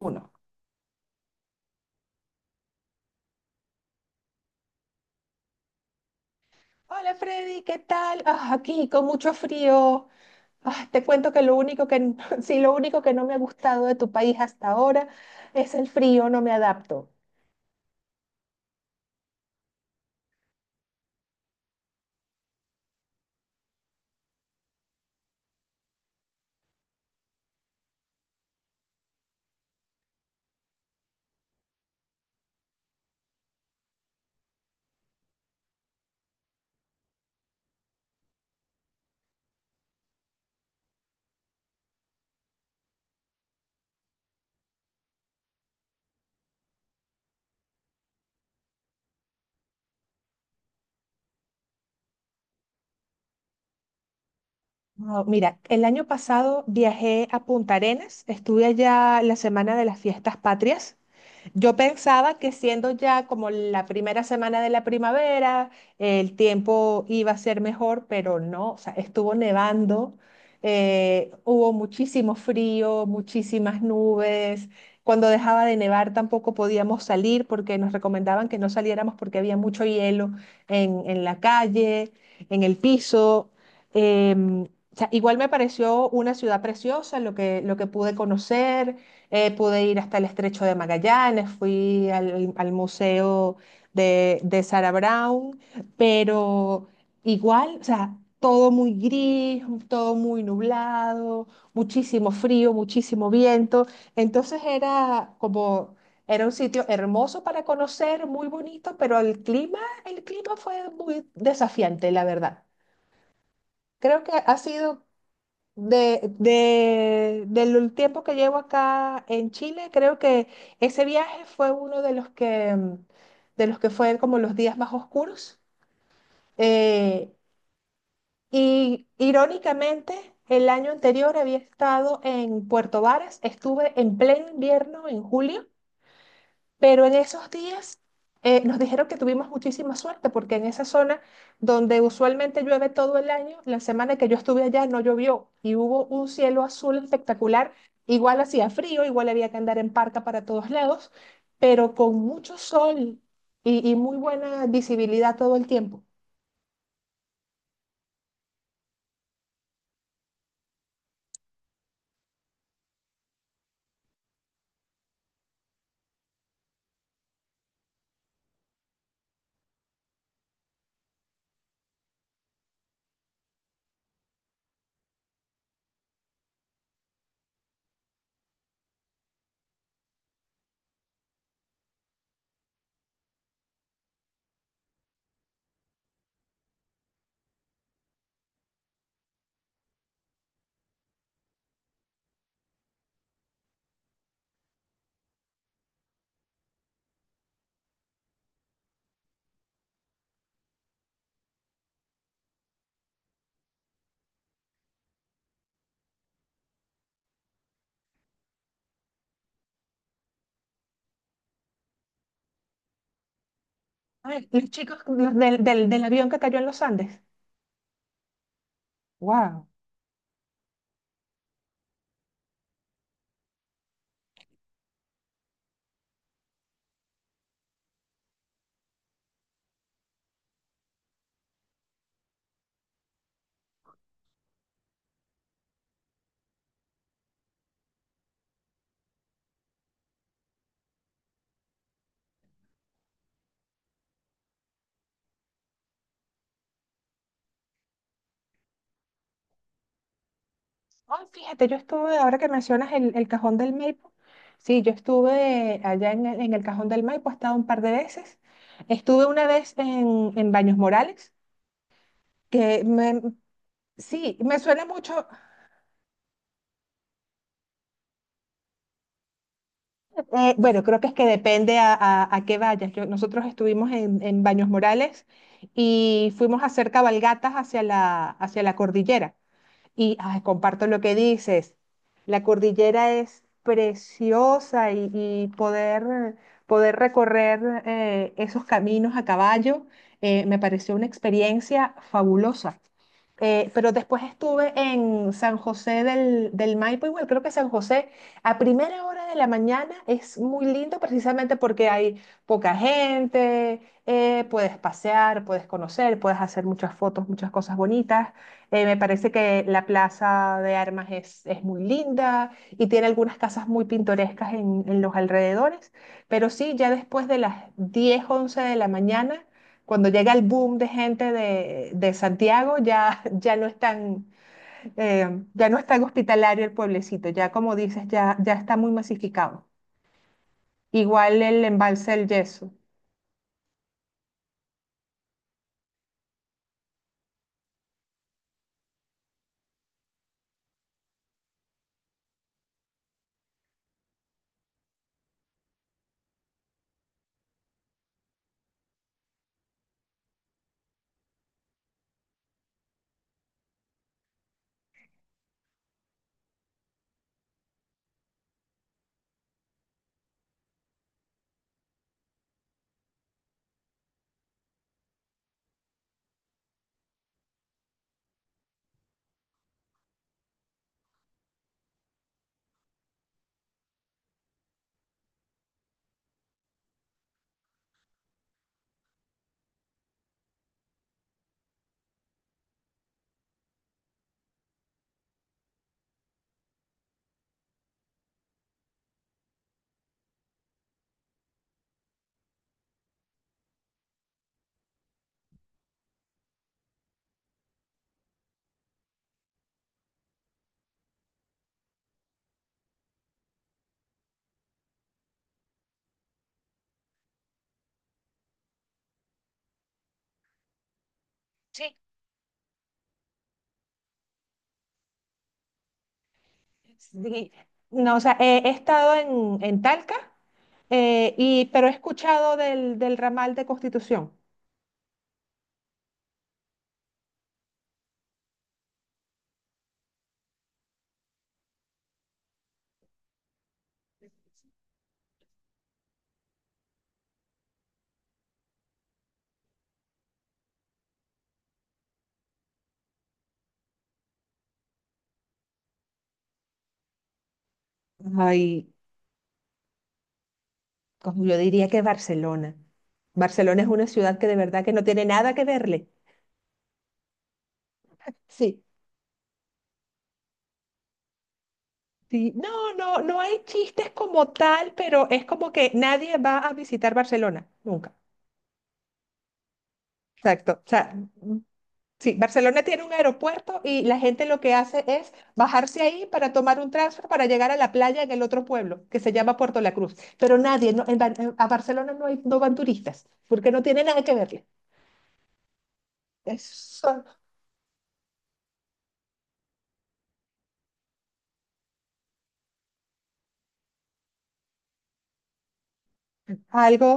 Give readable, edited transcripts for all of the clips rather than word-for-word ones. Uno. Hola Freddy, ¿qué tal? Ah, aquí con mucho frío. Ah, te cuento que lo único que sí, lo único que no me ha gustado de tu país hasta ahora es el frío, no me adapto. No, mira, el año pasado viajé a Punta Arenas, estuve allá la semana de las fiestas patrias. Yo pensaba que siendo ya como la primera semana de la primavera, el tiempo iba a ser mejor, pero no, o sea, estuvo nevando, hubo muchísimo frío, muchísimas nubes. Cuando dejaba de nevar tampoco podíamos salir porque nos recomendaban que no saliéramos porque había mucho hielo en la calle, en el piso. Em, o sea, igual me pareció una ciudad preciosa, lo que pude conocer, pude ir hasta el Estrecho de Magallanes, fui al museo de Sarah Brown, pero igual, o sea, todo muy gris, todo muy nublado, muchísimo frío, muchísimo viento. Entonces era como, Era un sitio hermoso para conocer, muy bonito, pero el clima fue muy desafiante, la verdad. Creo que ha sido, del tiempo que llevo acá en Chile, creo que ese viaje fue uno de los que, de los que fue como los días más oscuros. Eh, y irónicamente, el año anterior había estado en Puerto Varas, estuve en pleno invierno en julio, pero en esos días nos dijeron que tuvimos muchísima suerte porque en esa zona donde usualmente llueve todo el año, la semana que yo estuve allá no llovió y hubo un cielo azul espectacular. Igual hacía frío, igual había que andar en parca para todos lados, pero con mucho sol y muy buena visibilidad todo el tiempo. Ay, los chicos los del del avión que cayó en los Andes. ¡Wow! Ay, fíjate, yo estuve, ahora que mencionas el Cajón del Maipo, sí, yo estuve allá en el Cajón del Maipo, he estado un par de veces. Estuve una vez en Baños Morales, que me, sí, me suena mucho. Bueno, creo que es que depende a qué vayas. Nosotros estuvimos en Baños Morales y fuimos a hacer cabalgatas hacia la cordillera. Y ay, comparto lo que dices. La cordillera es preciosa y poder, poder recorrer esos caminos a caballo. Eh, me pareció una experiencia fabulosa. Pero después estuve en San José del Maipo, igual creo que San José a primera hora de la mañana es muy lindo precisamente porque hay poca gente, puedes pasear, puedes conocer, puedes hacer muchas fotos, muchas cosas bonitas. Me parece que la Plaza de Armas es muy linda y tiene algunas casas muy pintorescas en los alrededores, pero sí, ya después de las 10 11 de la mañana, cuando llega el boom de gente de Santiago, ya, ya no es tan, ya no es tan hospitalario el pueblecito, ya como dices, ya, ya está muy masificado. Igual el embalse del Yeso. Sí, sí, no, o sea, he estado en Talca, y, pero he escuchado del ramal de Constitución. Ay, como yo diría que Barcelona. Barcelona es una ciudad que de verdad que no tiene nada que verle. Sí, sí. No, no, no hay chistes como tal, pero es como que nadie va a visitar Barcelona, nunca. Exacto. O sea, sí, Barcelona tiene un aeropuerto y la gente lo que hace es bajarse ahí para tomar un transfer para llegar a la playa en el otro pueblo, que se llama Puerto La Cruz. Pero nadie, no, a Barcelona no, hay, no van turistas, porque no tiene nada que verle. Es solo algo,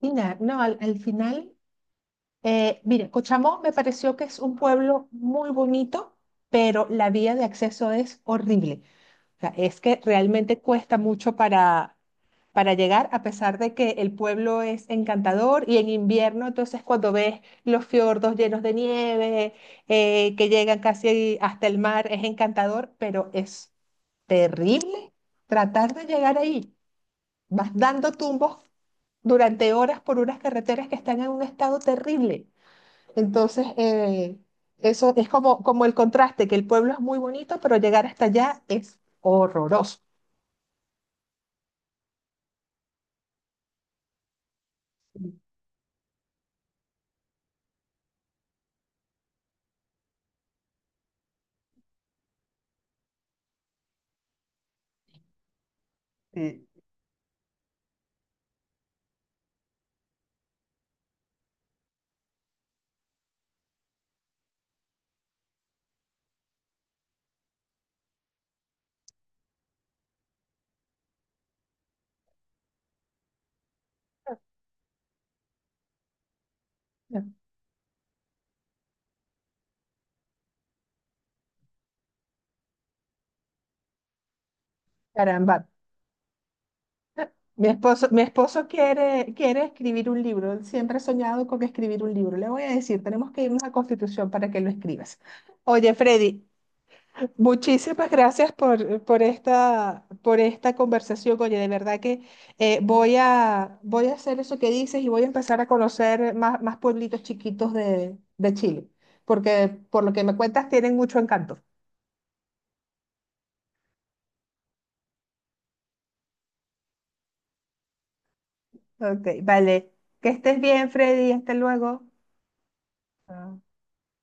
y nada, no, al final, mire, Cochamó me pareció que es un pueblo muy bonito, pero la vía de acceso es horrible. O sea, es que realmente cuesta mucho para llegar, a pesar de que el pueblo es encantador y en invierno, entonces cuando ves los fiordos llenos de nieve, que llegan casi hasta el mar, es encantador, pero es terrible tratar de llegar ahí. Vas dando tumbos durante horas por unas carreteras que están en un estado terrible. Entonces, eso es como, como el contraste, que el pueblo es muy bonito, pero llegar hasta allá es horroroso. Caramba, mi esposo quiere, quiere escribir un libro. Él siempre ha soñado con escribir un libro. Le voy a decir, tenemos que irnos a Constitución para que lo escribas. Oye, Freddy, muchísimas gracias por esta conversación. Oye, de verdad que voy voy a hacer eso que dices y voy a empezar a conocer más, más pueblitos chiquitos de Chile, porque por lo que me cuentas tienen mucho encanto. Ok, vale. Que estés bien, Freddy. Hasta luego. Chao.